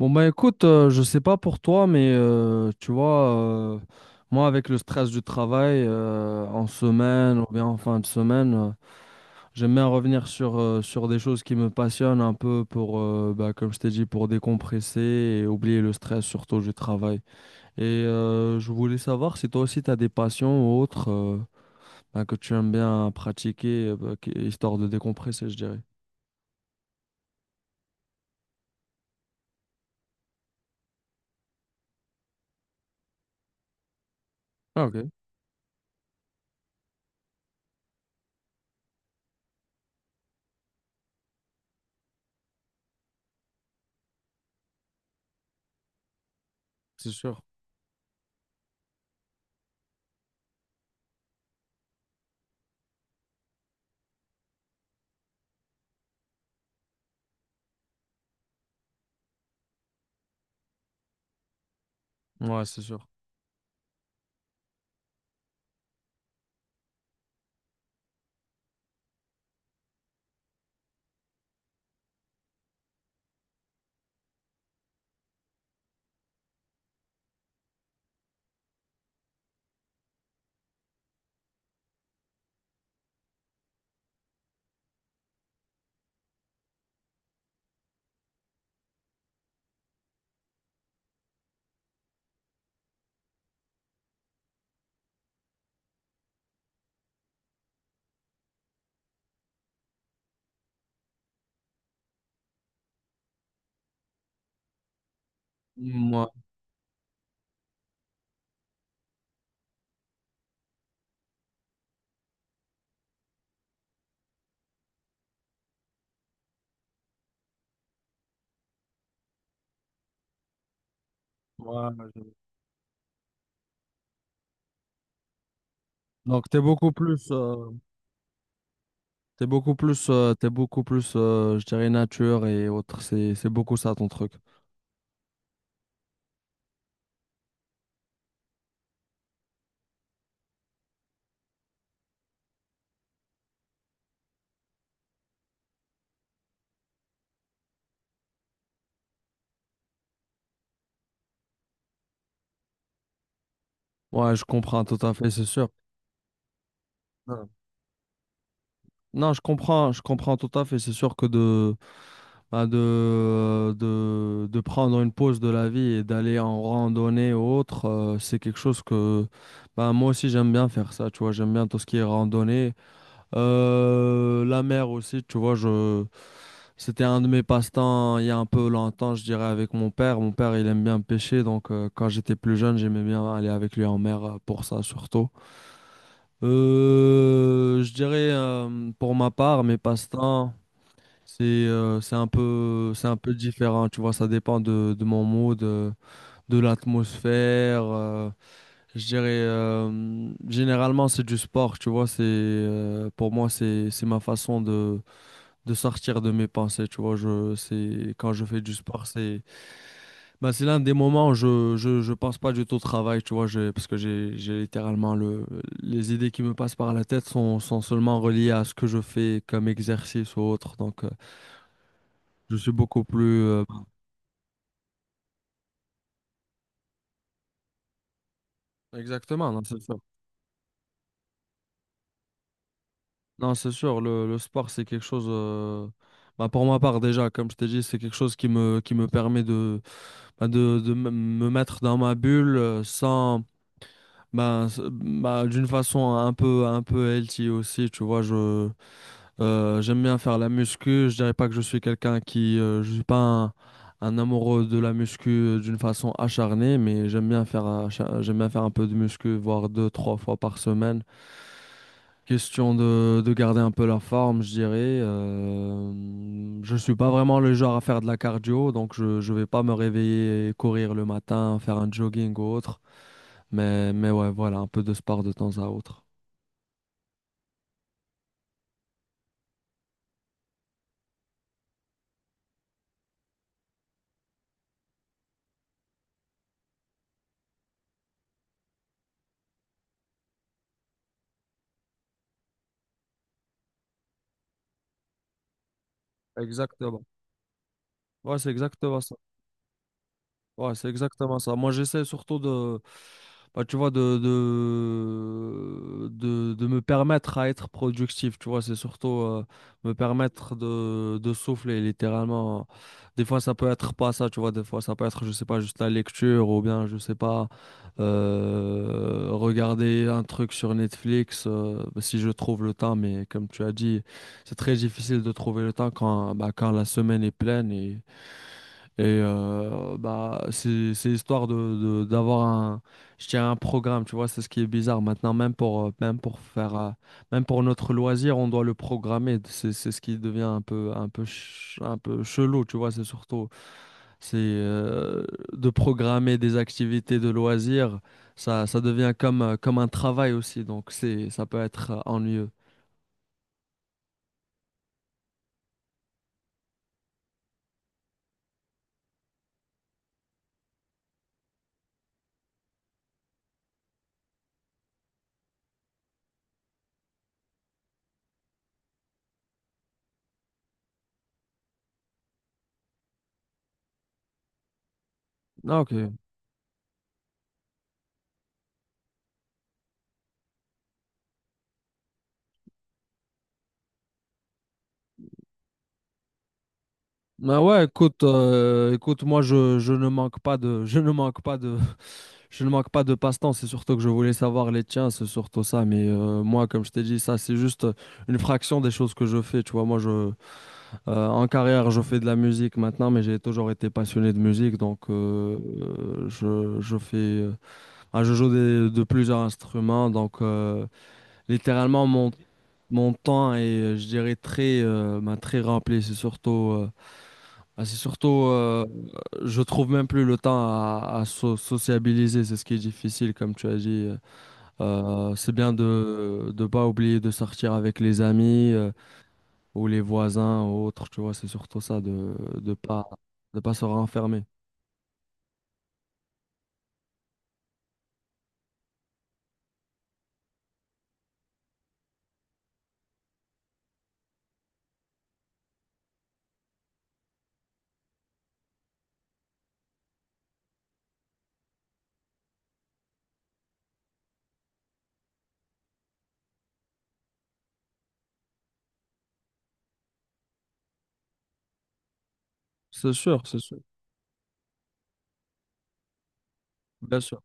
Bon, bah écoute, je sais pas pour toi, mais tu vois, euh, moi avec le stress du travail en semaine ou bien en fin de semaine, j'aime bien revenir sur, sur des choses qui me passionnent un peu pour, bah, comme je t'ai dit, pour décompresser et oublier le stress surtout du travail. Et je voulais savoir si toi aussi tu as des passions ou autres bah, que tu aimes bien pratiquer, bah, histoire de décompresser, je dirais. Ah, ok, c'est sûr. Ouais, c'est sûr. Moi, ouais, donc, t'es beaucoup plus, t'es beaucoup plus, je dirais, nature et autres. C'est beaucoup ça ton truc. Ouais, je comprends tout à fait, c'est sûr. Ouais. Non, je comprends tout à fait. C'est sûr que de, bah, de, de prendre une pause de la vie et d'aller en randonnée ou autre, c'est quelque chose que, bah, moi aussi j'aime bien faire ça. Tu vois, j'aime bien tout ce qui est randonnée. La mer aussi, tu vois, je... c'était un de mes passe-temps il y a un peu longtemps, je dirais, avec mon père. Mon père, il aime bien pêcher, donc quand j'étais plus jeune, j'aimais bien aller avec lui en mer pour ça surtout. Je dirais, pour ma part, mes passe-temps, c'est c'est un peu différent, tu vois, ça dépend de mon mood, de l'atmosphère. Je dirais, généralement, c'est du sport, tu vois, c'est, pour moi, c'est ma façon de sortir de mes pensées, tu vois, je c'est quand je fais du sport, c'est ben, c'est l'un des moments où je pense pas du tout au travail, tu vois, parce que j'ai littéralement le les idées qui me passent par la tête sont seulement reliées à ce que je fais comme exercice ou autre. Donc je suis beaucoup plus exactement, non, c'est sûr. Non, c'est sûr, le sport c'est quelque chose ben, pour ma part déjà, comme je t'ai dit, c'est quelque chose qui me permet de ben, de me mettre dans ma bulle sans ben, ben, d'une façon un peu healthy aussi, tu vois, je j'aime bien faire la muscu, je dirais pas que je suis quelqu'un qui je suis pas un, un amoureux de la muscu d'une façon acharnée, mais j'aime bien faire j'aime bien faire un peu de muscu, voire deux, trois fois par semaine. Question de garder un peu la forme, je dirais. Je suis pas vraiment le genre à faire de la cardio, donc je vais pas me réveiller et courir le matin, faire un jogging ou autre, mais ouais, voilà, un peu de sport de temps à autre. Exactement. Ouais, c'est exactement ça. Ouais, c'est exactement ça. Moi, j'essaie surtout de, bah, tu vois, de me permettre à être productif. Tu vois, c'est surtout me permettre de souffler, littéralement. Des fois, ça peut être pas ça, tu vois. Des fois, ça peut être, je sais pas, juste la lecture ou bien, je sais pas, regarder un truc sur Netflix si je trouve le temps. Mais comme tu as dit, c'est très difficile de trouver le temps quand, bah, quand la semaine est pleine et. Et bah, c'est histoire de, d'avoir un, je dirais un programme, tu vois, c'est ce qui est bizarre. Maintenant, même pour, même pour notre loisir, on doit le programmer. C'est ce qui devient un peu chelou, tu vois, c'est surtout, c'est de programmer des activités de loisirs, ça devient comme, comme un travail aussi, donc c'est, ça peut être ennuyeux. Ah, ok. Bah ouais, écoute, écoute, je ne manque pas de passe-temps, c'est surtout que je voulais savoir les tiens, c'est surtout ça. Mais moi, comme je t'ai dit, ça, c'est juste une fraction des choses que je fais. Tu vois, moi, je, en carrière, je fais de la musique maintenant, mais j'ai toujours été passionné de musique. Donc, je fais, ah, je joue de plusieurs instruments. Donc, littéralement, mon temps est, je dirais, très, ben, très rempli. C'est surtout ah, c'est surtout, je trouve même plus le temps à sociabiliser, c'est ce qui est difficile, comme tu as dit. C'est bien de ne pas oublier de sortir avec les amis ou les voisins ou autres, tu vois, c'est surtout ça, de pas, de pas se renfermer. C'est sûr, bien sûr.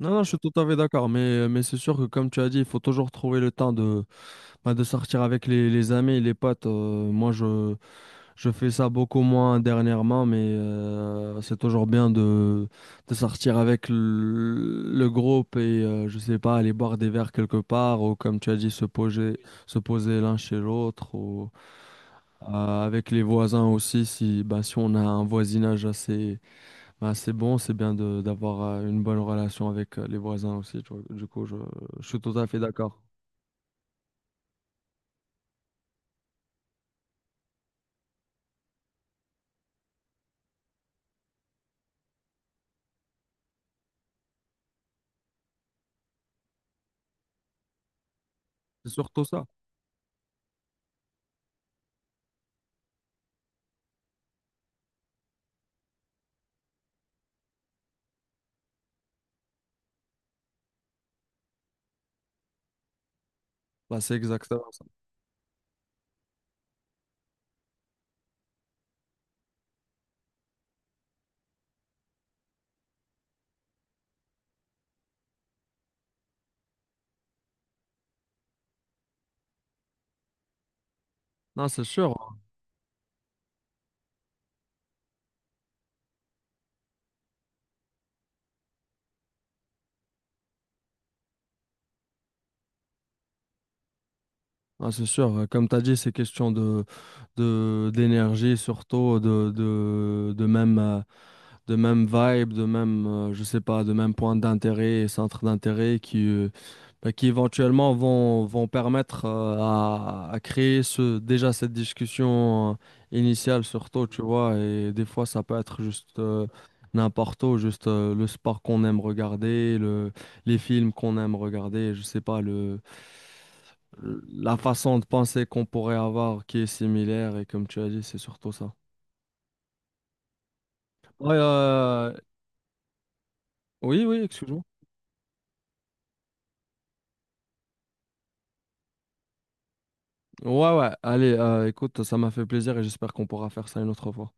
Non, non, je suis tout à fait d'accord, mais c'est sûr que comme tu as dit, il faut toujours trouver le temps de bah, de sortir avec les amis et les potes, moi je, je fais ça beaucoup moins dernièrement, mais c'est toujours bien de sortir avec le groupe et je sais pas, aller boire des verres quelque part ou comme tu as dit, se poser l'un chez l'autre ou avec les voisins aussi. Si, bah, si on a un voisinage assez, bah, assez bon, c'est bien de, d'avoir une bonne relation avec les voisins aussi. Tu vois. Du coup, je suis tout à fait d'accord. C'est surtout ça. Bah, c'est exactement ça. Non, c'est sûr, hein. Non, c'est sûr, ouais. Comme tu as dit, c'est question de, d'énergie, surtout de même, de même vibe, de même, je sais pas, de même point d'intérêt, centre d'intérêt qui, bah, qui éventuellement vont permettre à créer ce, déjà cette discussion initiale surtout, tu vois, et des fois ça peut être juste n'importe où, juste le sport qu'on aime regarder, le, les films qu'on aime regarder, je sais pas, le, la façon de penser qu'on pourrait avoir qui est similaire, et comme tu as dit, c'est surtout ça. Ouais, oui, oui, excuse-moi. Ouais, ouais, allez, écoute, ça m'a fait plaisir et j'espère qu'on pourra faire ça une autre fois.